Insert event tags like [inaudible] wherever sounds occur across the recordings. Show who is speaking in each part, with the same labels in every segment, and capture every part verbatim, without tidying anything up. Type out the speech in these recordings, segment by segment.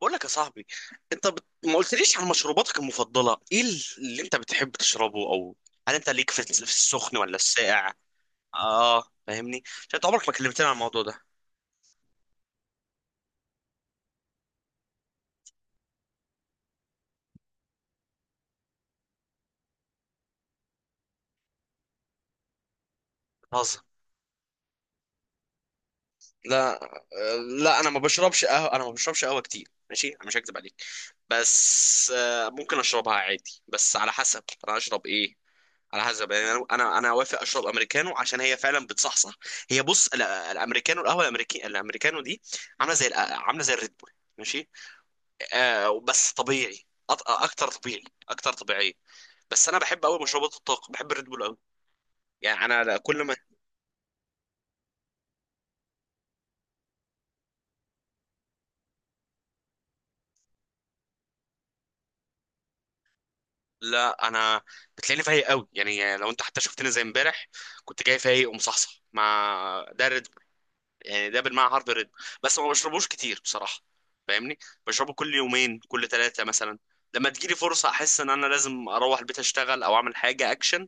Speaker 1: بقول لك يا صاحبي. انت بت... ما قلتليش عن مشروباتك المفضله ايه ال- اللي انت بتحب تشربه، او هل انت ليك في في السخن ولا الساقع؟ اه فاهمني، عشان انت عمرك ما كلمتني عن الموضوع ده. بتهزر. لا آه، لا، انا ما بشربش قهوه، انا ما بشربش قهوه كتير، ماشي، انا مش هكذب عليك. بس آه، ممكن اشربها عادي، بس على حسب انا اشرب ايه. على حسب، يعني انا انا أنا اوافق اشرب امريكانو عشان هي فعلا بتصحصح. هي بص ال- الامريكانو، القهوه الامريكي الامريكانو دي عامله زي الق- عامله زي الريد بول، ماشي. آه بس طبيعي، أط... اكتر طبيعي، اكتر طبيعيه. بس انا بحب قوي مشروبات الطاقه، بحب الريد بول قوي. يعني انا لا- كل ما... لا، انا بتلاقيني فايق قوي، يعني لو انت حتى شفتني زي امبارح كنت جاي فايق ومصحصح مع ده ريد بول. يعني ده بالمعنى حرفي ريد بول، بس ما بشربوش كتير بصراحه. فاهمني؟ بشربه كل يومين كل ثلاثه مثلا، لما تجيلي فرصه احس ان انا لازم اروح البيت اشتغل او اعمل حاجه اكشن،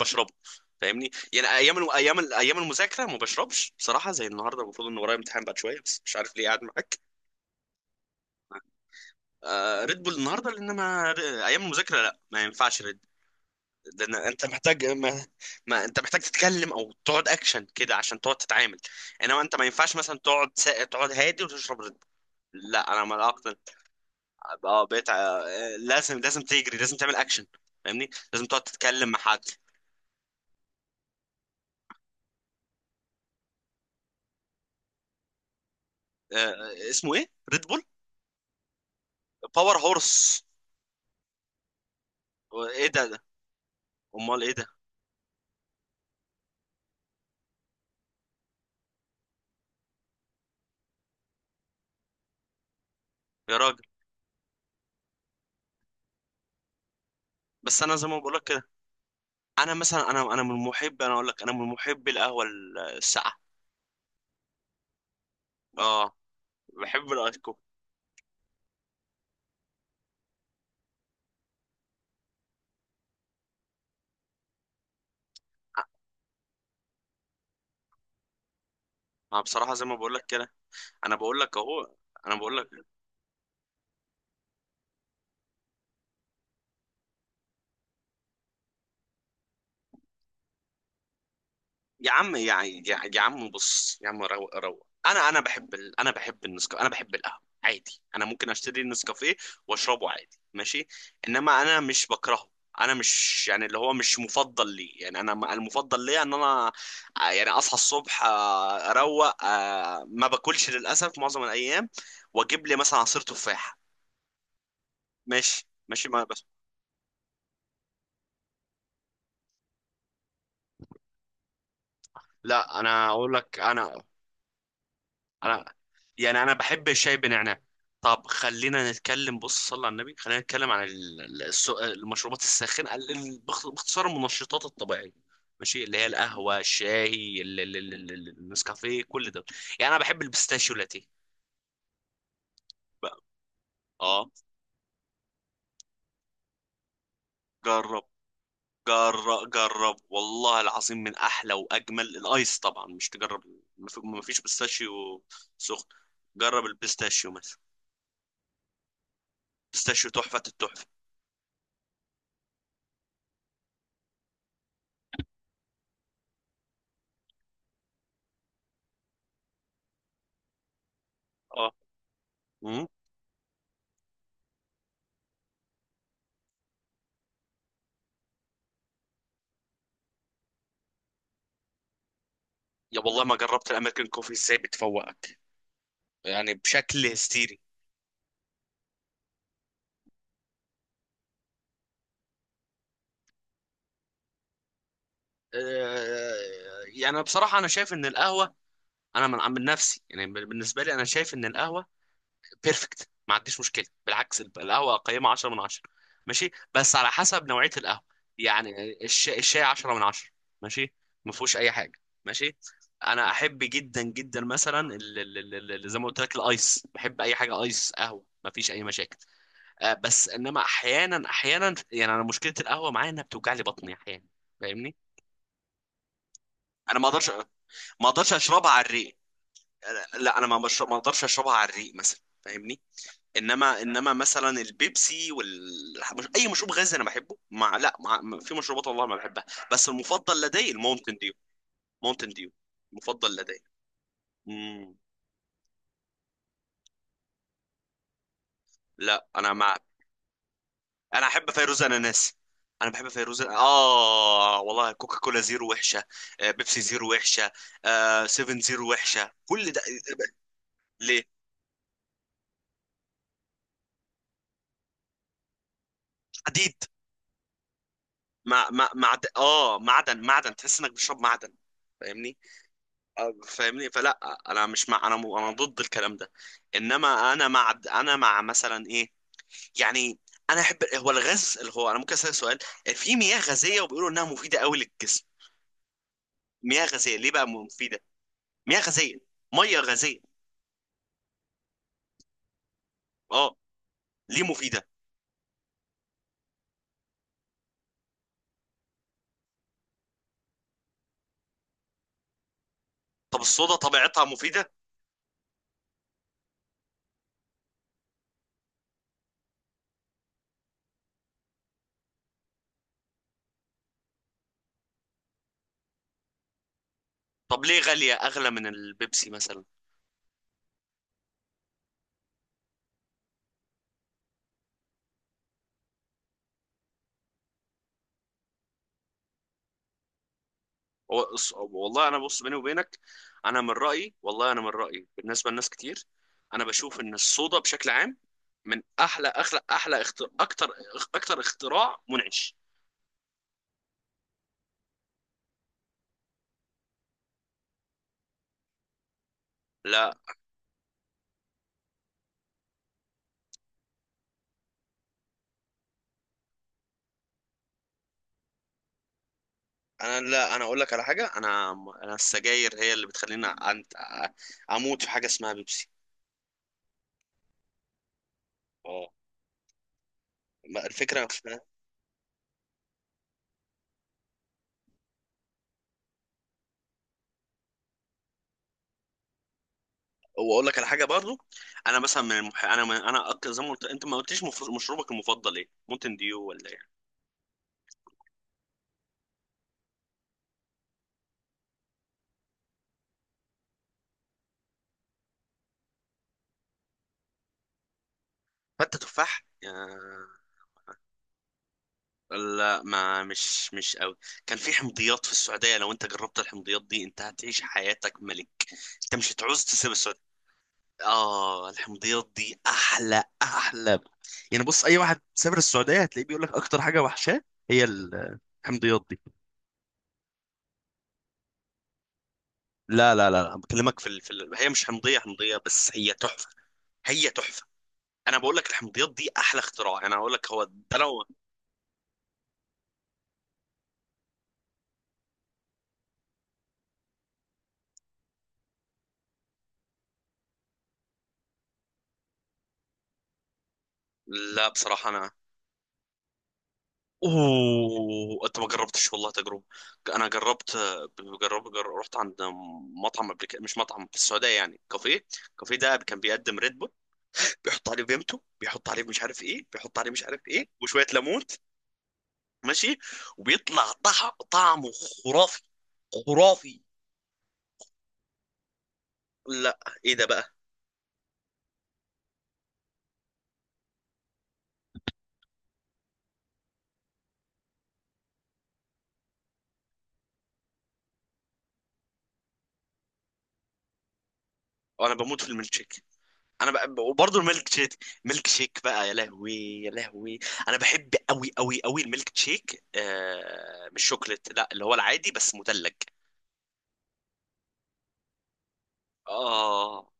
Speaker 1: بشربه. فاهمني؟ يعني ايام الو- ايام ال- ايام المذاكره ما بشربش بصراحه، زي النهارده المفروض ان ورايا امتحان بعد شويه بس مش عارف ليه قاعد معاك. آه ريد بول النهارده لان ما... ايام المذاكره لا، ما ينفعش ريد بول، لان انت محتاج ما، ما انت محتاج تتكلم او تقعد اكشن كده عشان تقعد تتعامل. انما انت ما ينفعش مثلا تقعد سا... تقعد هادي وتشرب ريد بول، لا، انا ما اقتنع. اه بقيت آه، لازم لازم تجري، لازم تعمل اكشن، فاهمني؟ لازم تقعد تتكلم مع حد. آه، اسمه ايه، ريد بول؟ باور هورس؟ ايه ده، امال ايه ده يا راجل؟ بس انا زي ما بقول لك كده، انا مثلا انا انا من محب، انا اقول لك، انا من محب القهوه الساقعه. اه بحب الايس كوفي. انا بصراحه زي ما بقول لك كده، انا بقول لك اهو، انا بقول لك يا عم، يا يا يا عم، بص يا عم، روق روق، انا انا بحب ال... انا بحب النسكافيه، انا بحب القهوه عادي، انا ممكن اشتري النسكافيه واشربه عادي، ماشي. انما انا مش بكرهه، انا مش يعني اللي هو مش مفضل لي، يعني انا م- المفضل ليا ان انا آه، يعني اصحى الصبح، آه، اروق، آه، ما باكلش للاسف معظم الايام، واجيب لي مثلا عصير تفاح، ماشي ماشي، ما بس. لا انا اقول لك، انا انا يعني انا بحب الشاي بنعناع. طب خلينا نتكلم، بص صلى على النبي، خلينا نتكلم عن ال- ال- الس- المشروبات الساخنه، ال- ال- باخت- باختصار المنشطات الطبيعيه، ماشي، اللي هي القهوه، الشاي، ال- ال- ال- ال- ال- النسكافيه، كل ده. يعني انا بحب البيستاشيو لاتيه بقى. اه، جرب، جرب جرب والله العظيم من احلى واجمل الايس، طبعا مش تجرب، مف- مفيش بيستاشيو سخن، جرب البيستاشيو مثلا، بيستاشيو تحفة التحفة. اه، يا والله، ما جربت الامريكان كوفي ازاي بتفوقك، يعني بشكل هستيري. آه، يعني بصراحه انا شايف ان القهوه، انا من من نفسي، يعني بال- بالنسبه لي انا شايف ان القهوه بيرفكت، ما عنديش مشكله، بالعكس الب- القهوه قيمه عشرة من عشرة، ماشي، بس على حسب نوعيه القهوه. يعني الشاي الشاي عشرة من عشرة، ماشي، ما فيهوش اي حاجه، ماشي. انا احب جدا جدا مثلا ال- ال- ال- ال- زي ما قلت لك الايس، بحب اي حاجه ايس قهوه، ما فيش اي مشاكل. آه، بس انما احيانا احيانا، يعني انا مشكله القهوه معايا انها بتوجع لي بطني احيانا، فاهمني؟ انا ما اقدرش، ما اقدرش اشربها على الريق، أنا- لا انا ما بشرب، ما اقدرش اشربها على الريق مثلا، فاهمني؟ انما انما مثلا البيبسي وال... مش- اي مشروب غازي انا بحبه، مع لا مع، في مشروبات والله ما بحبها، بس المفضل لدي الماونتن ديو. ماونتن ديو المفضل لدي. مم. لا انا مع، انا احب فيروز اناناسي، انا بحب فيروز، اه والله. كوكا كولا زيرو وحشه، آه بيبسي زيرو وحشه، آه سيفن زيرو وحشه، كل ده. ليه؟ حديد، مع مع معد... اه معدن، معدن، تحس انك بتشرب معدن، فاهمني؟ آه، فاهمني فلا. انا مش مع، انا م... انا ضد الكلام ده، انما انا مع، انا مع مثلا ايه، يعني انا احب هو الغاز اللي هو، انا ممكن اسالك سؤال؟ في مياه غازيه وبيقولوا انها مفيده قوي للجسم. مياه غازيه ليه بقى مفيده؟ مياه غازيه، ميه غازيه، اه. ليه مفيده؟ طب الصودا طبيعتها مفيده؟ طب ليه غاليه اغلى من البيبسي مثلا؟ هو الص- والله انا بص بيني وبينك، انا من رايي، والله انا من رايي، بالنسبه لناس كتير انا بشوف ان الصودا بشكل عام من احلى احلى احلى اختر... اكتر اكتر اختراع منعش. لا انا، لا انا اقول لك على حاجه، انا، انا السجاير هي اللي بتخليني أن- اموت في حاجه اسمها بيبسي. اه الفكره. واقول لك على حاجه برضو، انا مثلا من المح... انا من... انا أك... زي ما قلت انت ما قلتليش مف... مشروبك المفضل ايه، ممكن ديو ولا ايه؟ فتة تفاح، آه... لا ما، مش مش قوي. كان في حمضيات في السعوديه، لو انت جربت الحمضيات دي انت هتعيش حياتك ملك، انت مش هتعوز تسيب السعوديه. اه الحمضيات دي احلى احلى، يعني بص اي واحد سافر السعوديه هتلاقيه بيقول لك اكتر حاجه وحشاه هي ال- الحمضيات دي. لا لا لا لا، بكلمك في ال... في ال... هي مش حمضيه حمضيه بس هي تحفه، هي تحفه. انا بقول لك الحمضيات دي احلى اختراع، يعني انا هقول لك هو ده لو... لا بصراحه انا... اوه انت ما جربتش، والله تجربه. انا جربت، جربت، جر... رحت عند مطعم قبل كده، مش مطعم في السعوديه يعني كافيه، الكافيه ده كان بيقدم ريد بول، بيحط عليه فيمتو، بيحط عليه مش عارف ايه، بيحط عليه مش عارف ايه، وشويه ليمون، ماشي، وبيطلع طع... طعمه خرافي، خرافي. لا، ايه ده بقى؟ انا بموت في الميلك شيك، انا بقى وبرضه الميلك شيك، ميلك شيك بقى يا لهوي، يا لهوي. انا بحب قوي قوي قوي الميلك شيك، آه مش شوكليت، لا اللي هو العادي بس مثلج. اه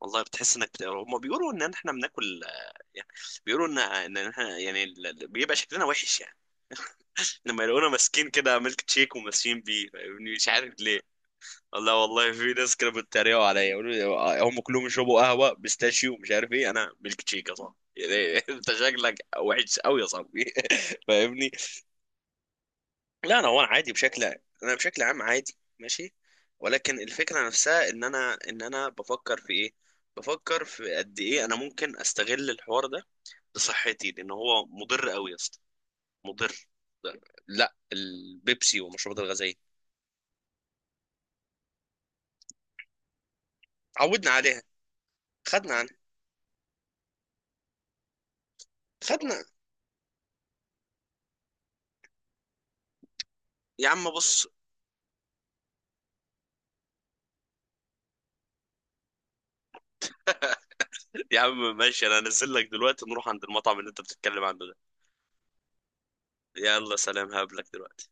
Speaker 1: والله، بتحس انك بت... هم بيقولوا ان احنا بناكل آه، يعني، بيقولوا ان ان احنا يعني ال- ال- بيبقى شكلنا وحش يعني لما يلاقونا ماسكين كده ميلك شيك وماسكين بيه، فاهمني؟ مش عارف ليه. لا والله في ناس كانوا بيتريقوا عليا يقولوا لي، هم كلهم يشربوا قهوه بيستاشيو مش عارف ايه، انا ميلك تشيك يا صاحبي يعني، [laughs] انت شكلك وحش قوي يا صاحبي [laughs] فاهمني؟ لا انا هو انا عادي بشكل عام، انا بشكل عام عادي، ماشي. ولكن الفكره نفسها ان انا ان انا بفكر في ايه، بفكر في قد ايه انا ممكن استغل الحوار ده لصحتي، لان هو مضر قوي يا اسطى، مضر. لا، البيبسي والمشروبات الغازيه عودنا عليها، خدنا عنها، خدنا. يا عم بص، يا عم ماشي، انا هنزل لك دلوقتي نروح عند المطعم اللي انت بتتكلم عنه ده. يلا سلام، هقابلك دلوقتي.